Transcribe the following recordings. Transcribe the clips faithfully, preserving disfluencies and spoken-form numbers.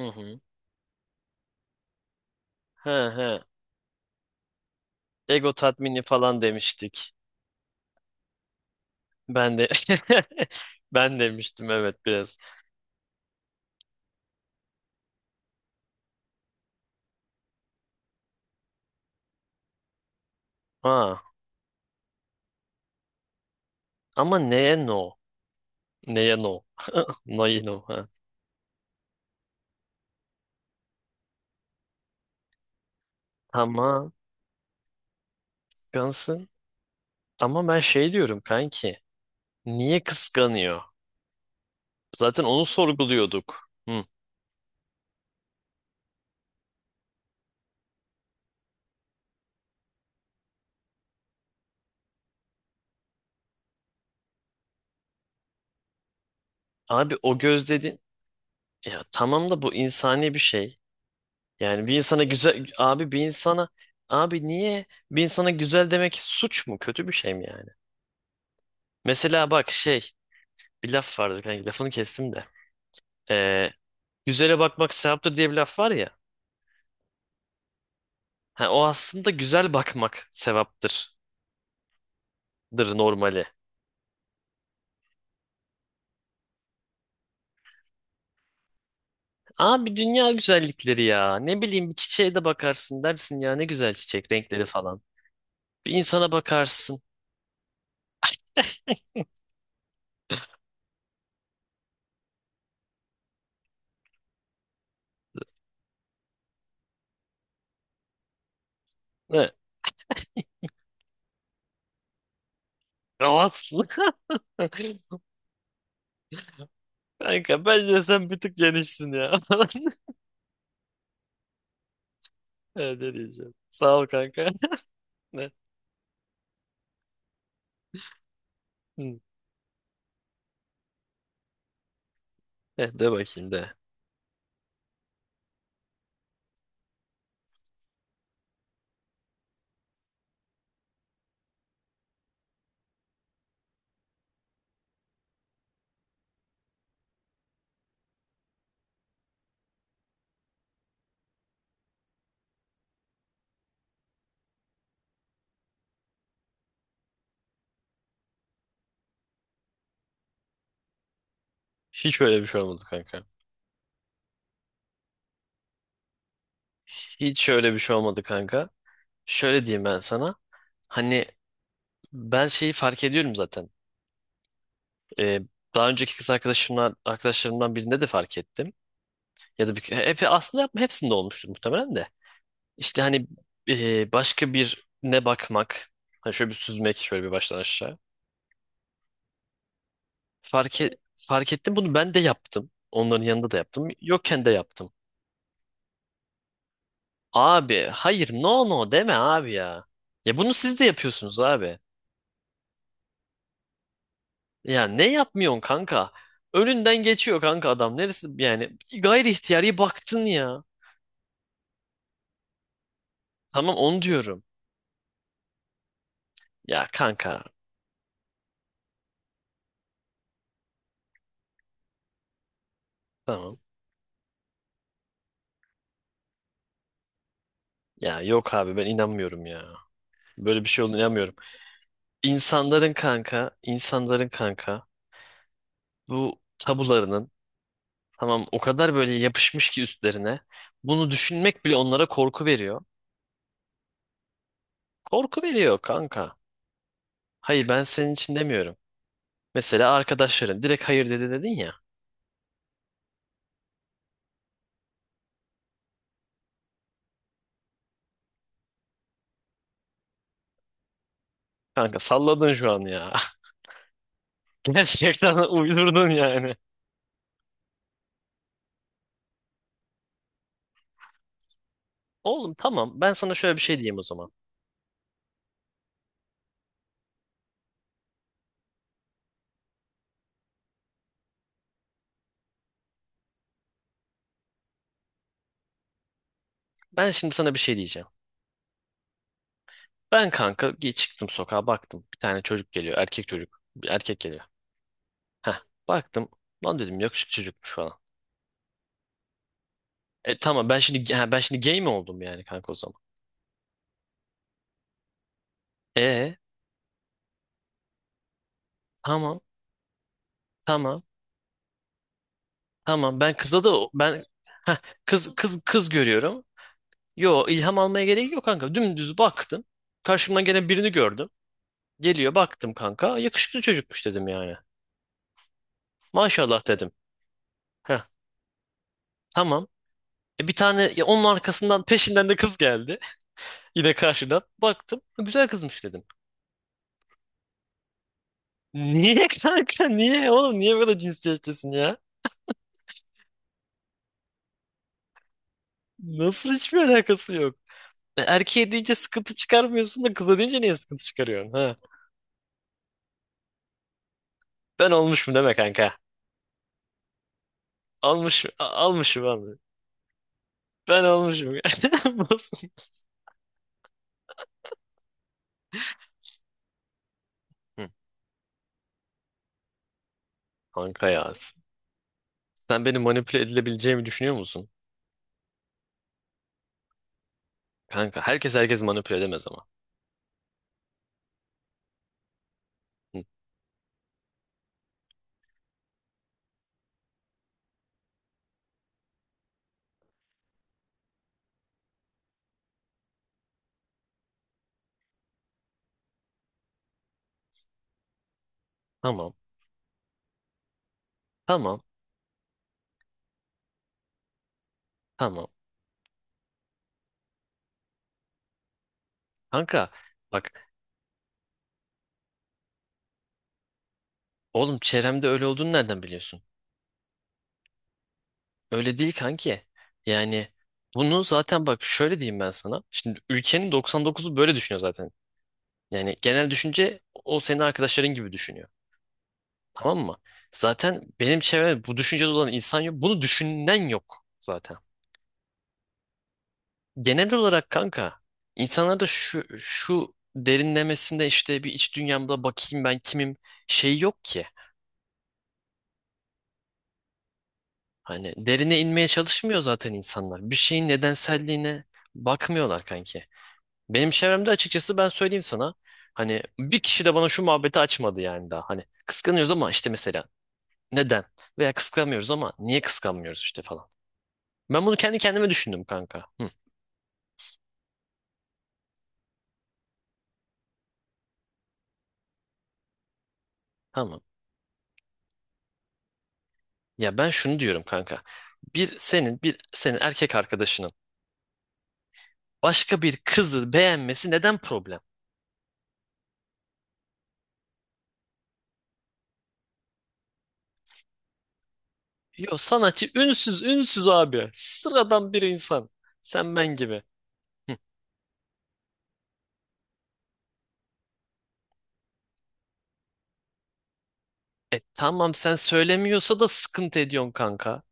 Hı hı. He he. Ego tatmini falan demiştik. Ben de ben demiştim, evet, biraz. Ha, ama neye no? Neye no? Neye no? Ha. Ama kıskansın. Ama ben şey diyorum kanki. Niye kıskanıyor? Zaten onu sorguluyorduk. Hı. Abi o göz dedin. Ya tamam da bu insani bir şey. Yani bir insana güzel abi bir insana abi niye bir insana güzel demek suç mu? Kötü bir şey mi yani? Mesela bak şey, bir laf vardı kanka, lafını kestim de. Ee, Güzele bakmak sevaptır diye bir laf var ya. Ha, o aslında güzel bakmak sevaptırdır. Dır normali. Abi dünya güzellikleri ya. Ne bileyim, bir çiçeğe de bakarsın, dersin ya ne güzel çiçek renkleri falan. Bir insana bakarsın. Ne? Rahatsın. Kanka bence sen bir tık genişsin ya. Evet, ne diyeceğim. Sağ ol kanka. Ne? Hı. Eh, de bakayım de. Hiç öyle bir şey olmadı kanka. Hiç öyle bir şey olmadı kanka. Şöyle diyeyim ben sana. Hani ben şeyi fark ediyorum zaten. Ee, Daha önceki kız arkadaşımla arkadaşlarımdan birinde de fark ettim. Ya da bir, hep, aslında yapma hepsinde olmuştur muhtemelen de. İşte hani e, başka birine bakmak. Hani şöyle bir süzmek, şöyle bir baştan aşağı. Fark, e- fark ettim, bunu ben de yaptım. Onların yanında da yaptım. Yokken de yaptım. Abi hayır, no no deme abi ya. Ya bunu siz de yapıyorsunuz abi. Ya ne yapmıyorsun kanka? Önünden geçiyor kanka adam. Neresi yani, gayri ihtiyari baktın ya. Tamam onu diyorum. Ya kanka tamam. Ya yok abi, ben inanmıyorum ya. Böyle bir şey olduğunu inanmıyorum. İnsanların kanka, insanların kanka bu tabularının, tamam, o kadar böyle yapışmış ki üstlerine. Bunu düşünmek bile onlara korku veriyor. Korku veriyor kanka. Hayır, ben senin için demiyorum. Mesela arkadaşların direkt hayır dedi dedin ya. Kanka salladın şu an ya. Gerçekten uydurdun yani. Oğlum tamam, ben sana şöyle bir şey diyeyim o zaman. Ben şimdi sana bir şey diyeceğim. Ben kanka gi- çıktım sokağa, baktım. Bir tane çocuk geliyor. Erkek çocuk. Bir erkek geliyor. Heh, baktım. Lan dedim, yakışıklı çocukmuş falan. E tamam, ben şimdi ha, ben şimdi gay mi oldum yani kanka o zaman? E tamam tamam tamam ben kıza da ben, heh, kız kız kız görüyorum. Yo, ilham almaya gerek yok kanka. Dümdüz baktım. Karşımdan gene birini gördüm. Geliyor, baktım kanka. Yakışıklı çocukmuş dedim yani. Maşallah dedim. Heh, tamam. E, bir tane ya, onun arkasından peşinden de kız geldi. Yine karşıdan. Baktım. Güzel kızmış dedim. Niye kanka, niye oğlum, niye böyle cinsiyetçisin ya? Nasıl hiçbir alakası yok. E, Erkeğe deyince sıkıntı çıkarmıyorsun da kıza deyince niye sıkıntı çıkarıyorsun? Ha? Ben olmuşum deme kanka. Almış, a- almışım abi. Ben olmuşum. Nasıl? Hı. Kanka ya. Sen beni manipüle edilebileceğimi düşünüyor musun? Kanka herkes herkes manipüle edemez ama. Hı. Tamam. Tamam. Tamam. Kanka bak, oğlum, çevremde öyle olduğunu nereden biliyorsun? Öyle değil kanki. Yani bunu zaten bak, şöyle diyeyim ben sana. Şimdi ülkenin doksan dokuzu böyle düşünüyor zaten. Yani genel düşünce, o senin arkadaşların gibi düşünüyor. Tamam mı? Zaten benim çevremde bu düşüncede olan insan yok. Bunu düşünen yok zaten. Genel olarak kanka insanlarda şu şu derinlemesinde, işte bir iç dünyamda bakayım ben kimim, şey yok ki. Hani derine inmeye çalışmıyor zaten insanlar. Bir şeyin nedenselliğine bakmıyorlar kanki. Benim çevremde, açıkçası, ben söyleyeyim sana. Hani bir kişi de bana şu muhabbeti açmadı yani daha. Hani kıskanıyoruz ama işte mesela neden? Veya kıskanmıyoruz ama niye kıskanmıyoruz işte falan. Ben bunu kendi kendime düşündüm kanka. Hı, tamam. Ya ben şunu diyorum kanka. Bir senin bir senin erkek arkadaşının başka bir kızı beğenmesi neden problem? Yo, sanatçı ünsüz ünsüz abi. Sıradan bir insan. Sen ben gibi. Hı. E tamam, sen söylemiyorsa da sıkıntı ediyorsun kanka.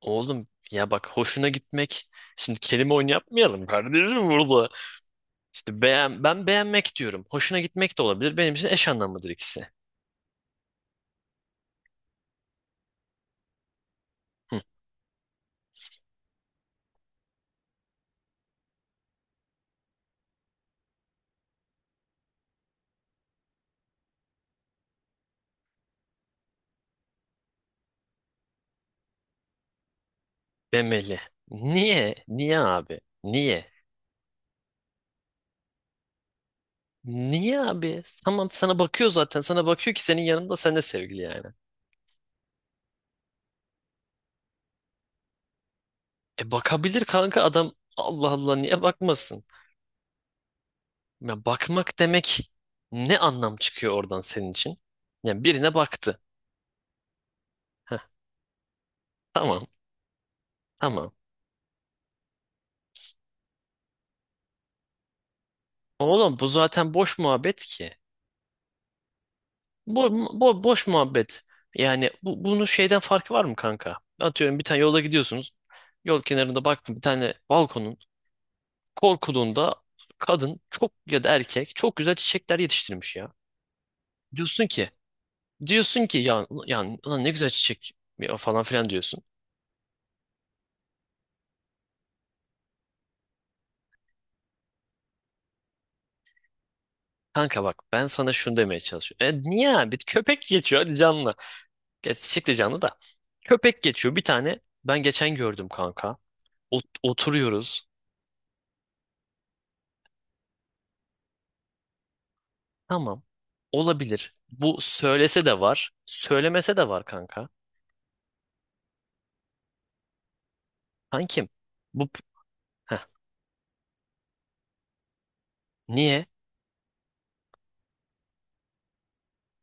Oğlum ya bak, hoşuna gitmek. Şimdi kelime oyunu yapmayalım kardeşim burada. İşte beğen, ben beğenmek diyorum. Hoşuna gitmek de olabilir. Benim için eş anlamlıdır ikisi. Hı. Demeli. Niye? Niye abi? Niye? Niye abi? Tamam, sana bakıyor zaten. Sana bakıyor ki senin yanında, sen de sevgili yani. E bakabilir kanka adam. Allah Allah niye bakmasın? Ya bakmak demek ne anlam çıkıyor oradan senin için? Yani birine baktı. Heh, tamam tamam. Oğlum bu zaten boş muhabbet ki. Bo bo- Boş muhabbet. Yani bu bunun şeyden farkı var mı kanka? Atıyorum bir tane, yolda gidiyorsunuz. Yol kenarında baktım, bir tane balkonun korkuluğunda kadın çok ya da erkek çok güzel çiçekler yetiştirmiş ya. Diyorsun ki diyorsun ki ya yani ulan ne güzel çiçek ya falan filan diyorsun. Kanka bak, ben sana şunu demeye çalışıyorum. E niye abi? Bir köpek geçiyor, hadi canlı. Geç, çiçek de canlı da. Köpek geçiyor bir tane. Ben geçen gördüm kanka. Ot- oturuyoruz. Tamam. Olabilir. Bu söylese de var. Söylemese de var kanka. Kankim. Bu, heh, niye?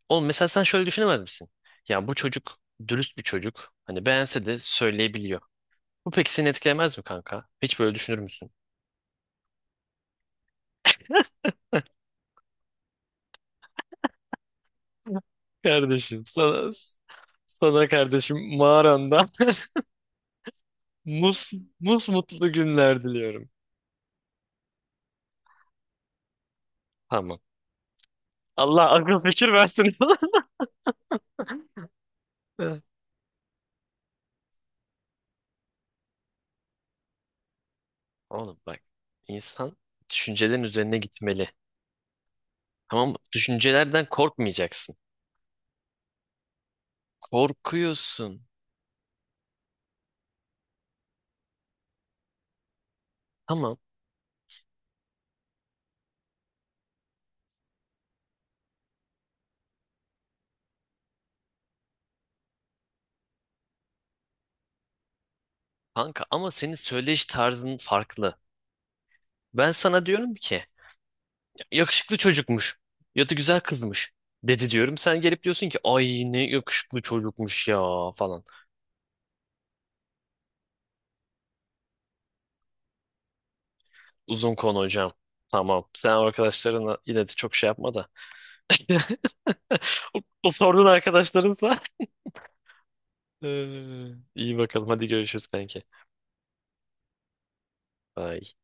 Oğlum mesela sen şöyle düşünemez misin? Ya bu çocuk dürüst bir çocuk. Hani beğense de söyleyebiliyor. Bu peki seni etkilemez mi kanka? Hiç böyle düşünür müsün? Kardeşim sana, sana kardeşim mağaranda mus mus mutlu günler diliyorum. Tamam. Allah akıl fikir versin. Oğlum bak. İnsan düşüncelerin üzerine gitmeli. Tamam mı? Düşüncelerden korkmayacaksın. Korkuyorsun. Tamam kanka, ama senin söyleyiş tarzın farklı. Ben sana diyorum ki yakışıklı çocukmuş ya da güzel kızmış dedi diyorum. Sen gelip diyorsun ki ay ne yakışıklı çocukmuş ya falan. Uzun konu hocam. Tamam. Sen arkadaşlarına yine de çok şey yapma da. O, o sorduğun arkadaşlarınsa. Ee, iyi bakalım. Hadi görüşürüz kanki. Bye.